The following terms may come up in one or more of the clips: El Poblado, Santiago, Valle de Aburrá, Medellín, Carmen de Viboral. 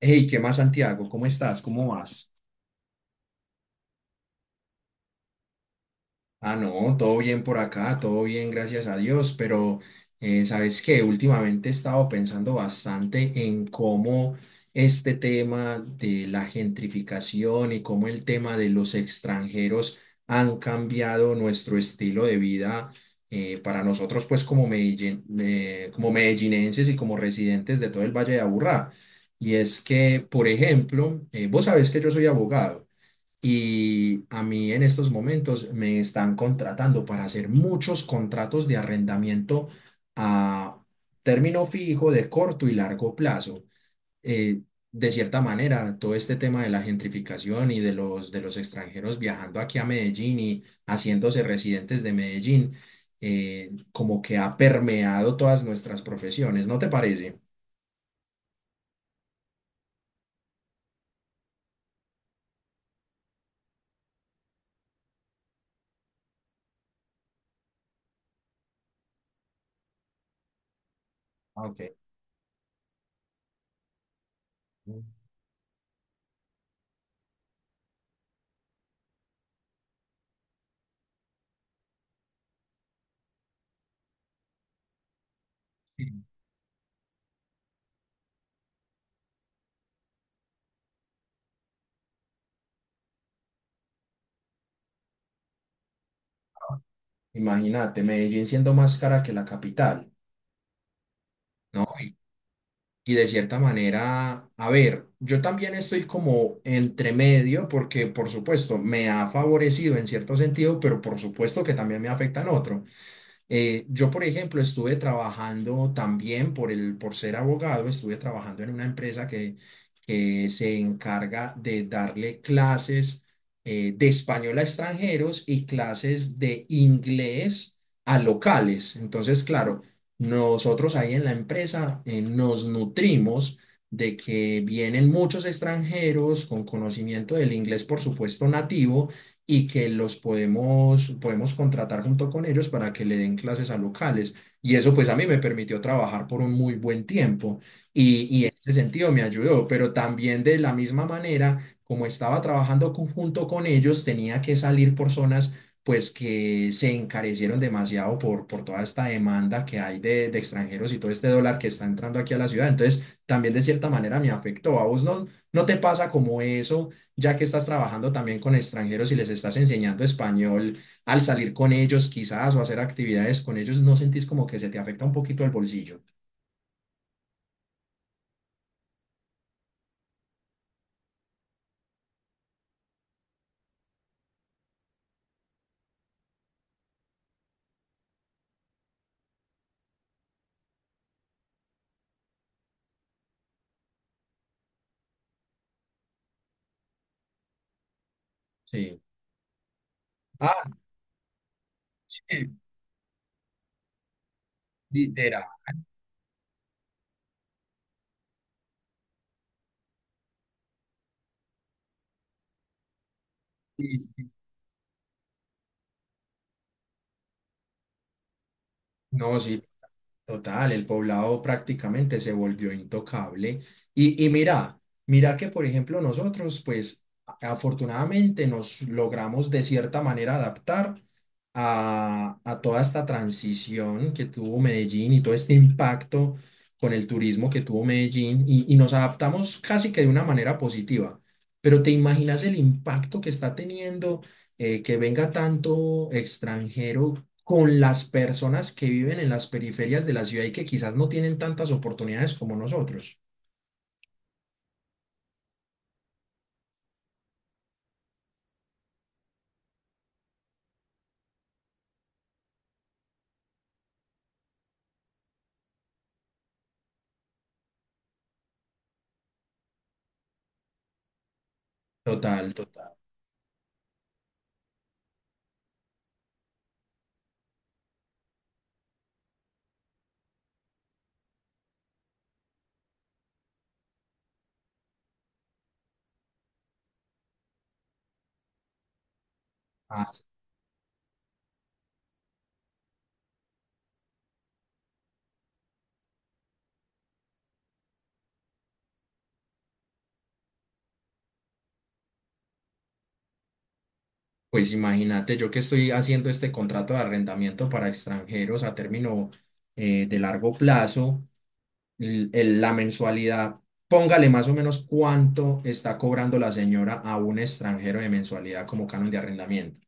Hey, ¿qué más, Santiago? ¿Cómo estás? ¿Cómo vas? Ah, no, todo bien por acá, todo bien, gracias a Dios, pero ¿sabes qué? Últimamente he estado pensando bastante en cómo este tema de la gentrificación y cómo el tema de los extranjeros han cambiado nuestro estilo de vida para nosotros, pues como como medellinenses y como residentes de todo el Valle de Aburrá. Y es que, por ejemplo, vos sabés que yo soy abogado. Y a mí en estos momentos me están contratando para hacer muchos contratos de arrendamiento a término fijo de corto y largo plazo. Eh, de cierta manera, todo este tema de la gentrificación y de los extranjeros viajando aquí a Medellín y haciéndose residentes de Medellín, como que ha permeado todas nuestras profesiones, ¿no te parece? Ah, ok. Sí. Imagínate, Medellín siendo más cara que la capital, ¿no? Y de cierta manera, a ver, yo también estoy como entre medio porque por supuesto me ha favorecido en cierto sentido, pero por supuesto que también me afecta en otro. Yo, por ejemplo, estuve trabajando también por ser abogado, estuve trabajando en una empresa que se encarga de darle clases de español a extranjeros y clases de inglés a locales. Entonces, claro, nosotros ahí en la empresa nos nutrimos de que vienen muchos extranjeros con conocimiento del inglés, por supuesto, nativo y que los podemos contratar junto con ellos para que le den clases a locales. Y eso pues a mí me permitió trabajar por un muy buen tiempo y en ese sentido me ayudó, pero también de la misma manera, como estaba trabajando junto con ellos, tenía que salir por zonas pues que se encarecieron demasiado por toda esta demanda que hay de extranjeros y todo este dólar que está entrando aquí a la ciudad. Entonces, también de cierta manera me afectó. ¿A vos no te pasa como eso? Ya que estás trabajando también con extranjeros y les estás enseñando español, al salir con ellos quizás o hacer actividades con ellos, ¿no sentís como que se te afecta un poquito el bolsillo? Sí. Ah, sí, literal. No, sí, total, el poblado prácticamente se volvió intocable. Y mira, mira que por ejemplo nosotros, pues afortunadamente nos logramos de cierta manera adaptar a toda esta transición que tuvo Medellín y todo este impacto con el turismo que tuvo Medellín y nos adaptamos casi que de una manera positiva. Pero ¿te imaginas el impacto que está teniendo? Que venga tanto extranjero con las personas que viven en las periferias de la ciudad y que quizás no tienen tantas oportunidades como nosotros. Total, total. Ah, pues imagínate, yo que estoy haciendo este contrato de arrendamiento para extranjeros a término de largo plazo, la mensualidad, póngale más o menos cuánto está cobrando la señora a un extranjero de mensualidad como canon de arrendamiento.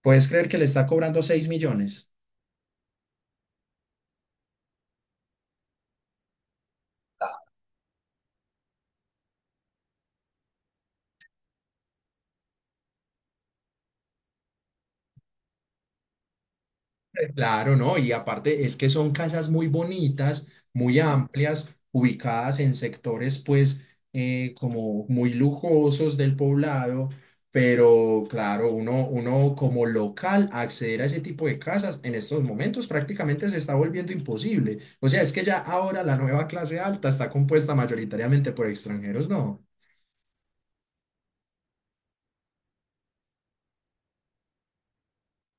¿Puedes creer que le está cobrando 6 millones? Claro, ¿no? Y aparte es que son casas muy bonitas, muy amplias, ubicadas en sectores pues como muy lujosos del poblado, pero claro, uno como local acceder a ese tipo de casas en estos momentos prácticamente se está volviendo imposible. O sea, es que ya ahora la nueva clase alta está compuesta mayoritariamente por extranjeros, ¿no?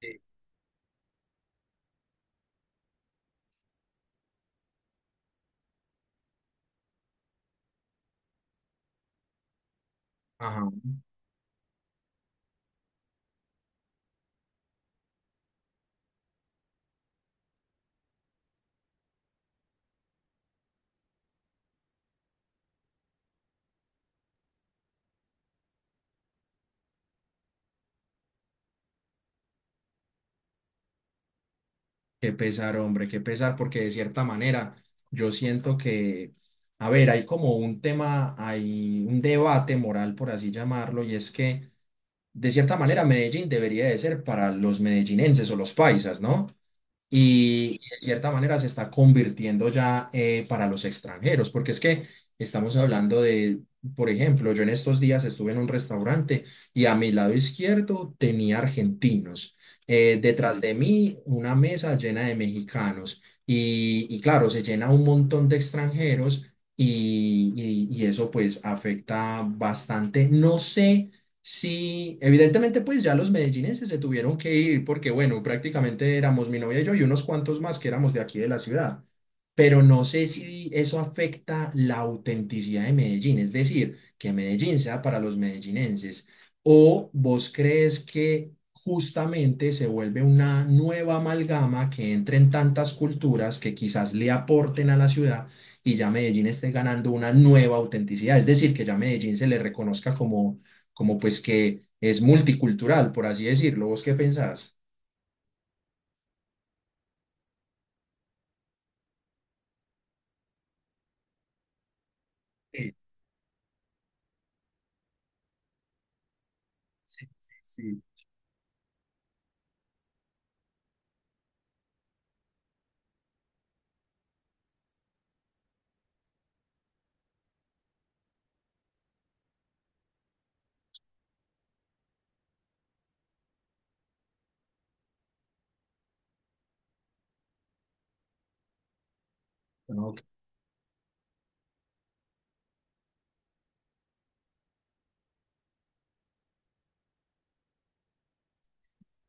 Sí. Ajá. Qué pesar, hombre, qué pesar, porque de cierta manera yo siento que, a ver, hay como un tema, hay un debate moral, por así llamarlo, y es que de cierta manera Medellín debería de ser para los medellinenses o los paisas, ¿no? Y y de cierta manera se está convirtiendo ya para los extranjeros, porque es que estamos hablando de, por ejemplo, yo en estos días estuve en un restaurante y a mi lado izquierdo tenía argentinos, detrás de mí una mesa llena de mexicanos y claro, se llena un montón de extranjeros. Y, y eso pues afecta bastante. No sé. Sí, evidentemente pues ya los medellinenses se tuvieron que ir porque bueno, prácticamente éramos mi novia y yo y unos cuantos más que éramos de aquí de la ciudad, pero no sé si eso afecta la autenticidad de Medellín, es decir, que Medellín sea para los medellinenses o vos crees que justamente se vuelve una nueva amalgama que entre en tantas culturas que quizás le aporten a la ciudad y ya Medellín esté ganando una nueva autenticidad, es decir, que ya Medellín se le reconozca como como pues que es multicultural, por así decirlo. ¿Vos qué pensás? Sí, sí, sí, sí. No, que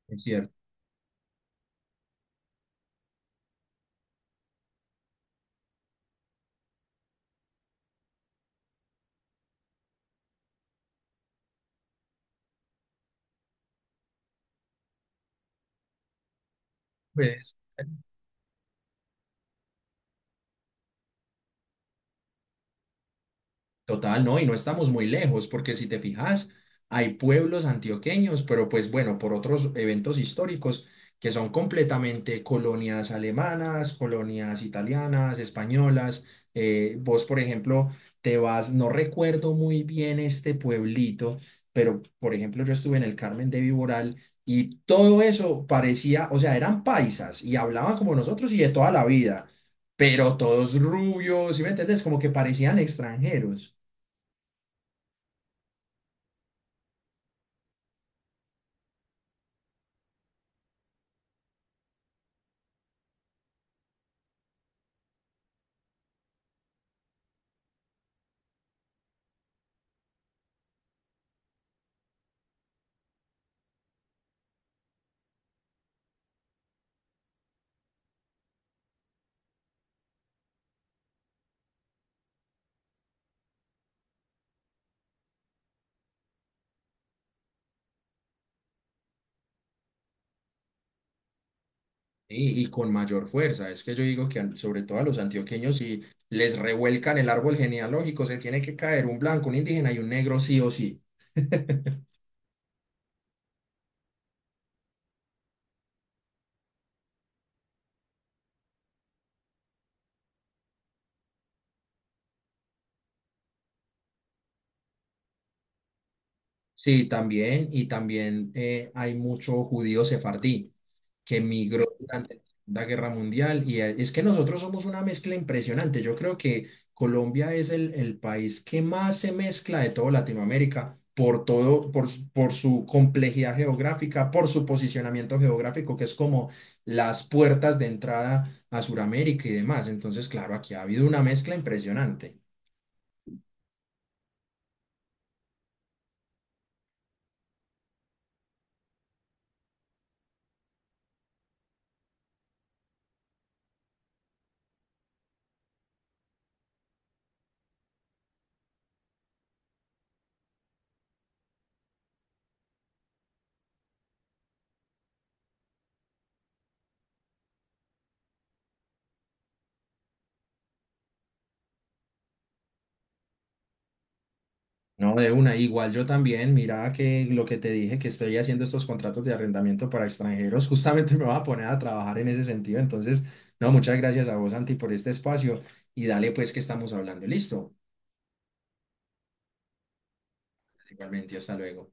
es cierto. Pues, total, no, y no estamos muy lejos, porque si te fijas, hay pueblos antioqueños, pero pues bueno, por otros eventos históricos que son completamente colonias alemanas, colonias italianas, españolas. Vos, por ejemplo, te vas, no recuerdo muy bien este pueblito, pero por ejemplo, yo estuve en el Carmen de Viboral y todo eso parecía, o sea, eran paisas y hablaban como nosotros y de toda la vida, pero todos rubios, ¿sí me entiendes? Como que parecían extranjeros. Y con mayor fuerza. Es que yo digo que sobre todo a los antioqueños, si les revuelcan el árbol genealógico, se tiene que caer un blanco, un indígena y un negro sí o sí. Sí, también, y también hay mucho judío sefardí que migró durante la Segunda Guerra Mundial y es que nosotros somos una mezcla impresionante. Yo creo que Colombia es el país que más se mezcla de toda Latinoamérica por todo, por su complejidad geográfica, por su posicionamiento geográfico, que es como las puertas de entrada a Sudamérica y demás. Entonces, claro, aquí ha habido una mezcla impresionante. No, de una, igual yo también, mira que lo que te dije, que estoy haciendo estos contratos de arrendamiento para extranjeros, justamente me va a poner a trabajar en ese sentido. Entonces, no, muchas gracias a vos, Santi, por este espacio y dale pues que estamos hablando. Listo, igualmente, hasta luego.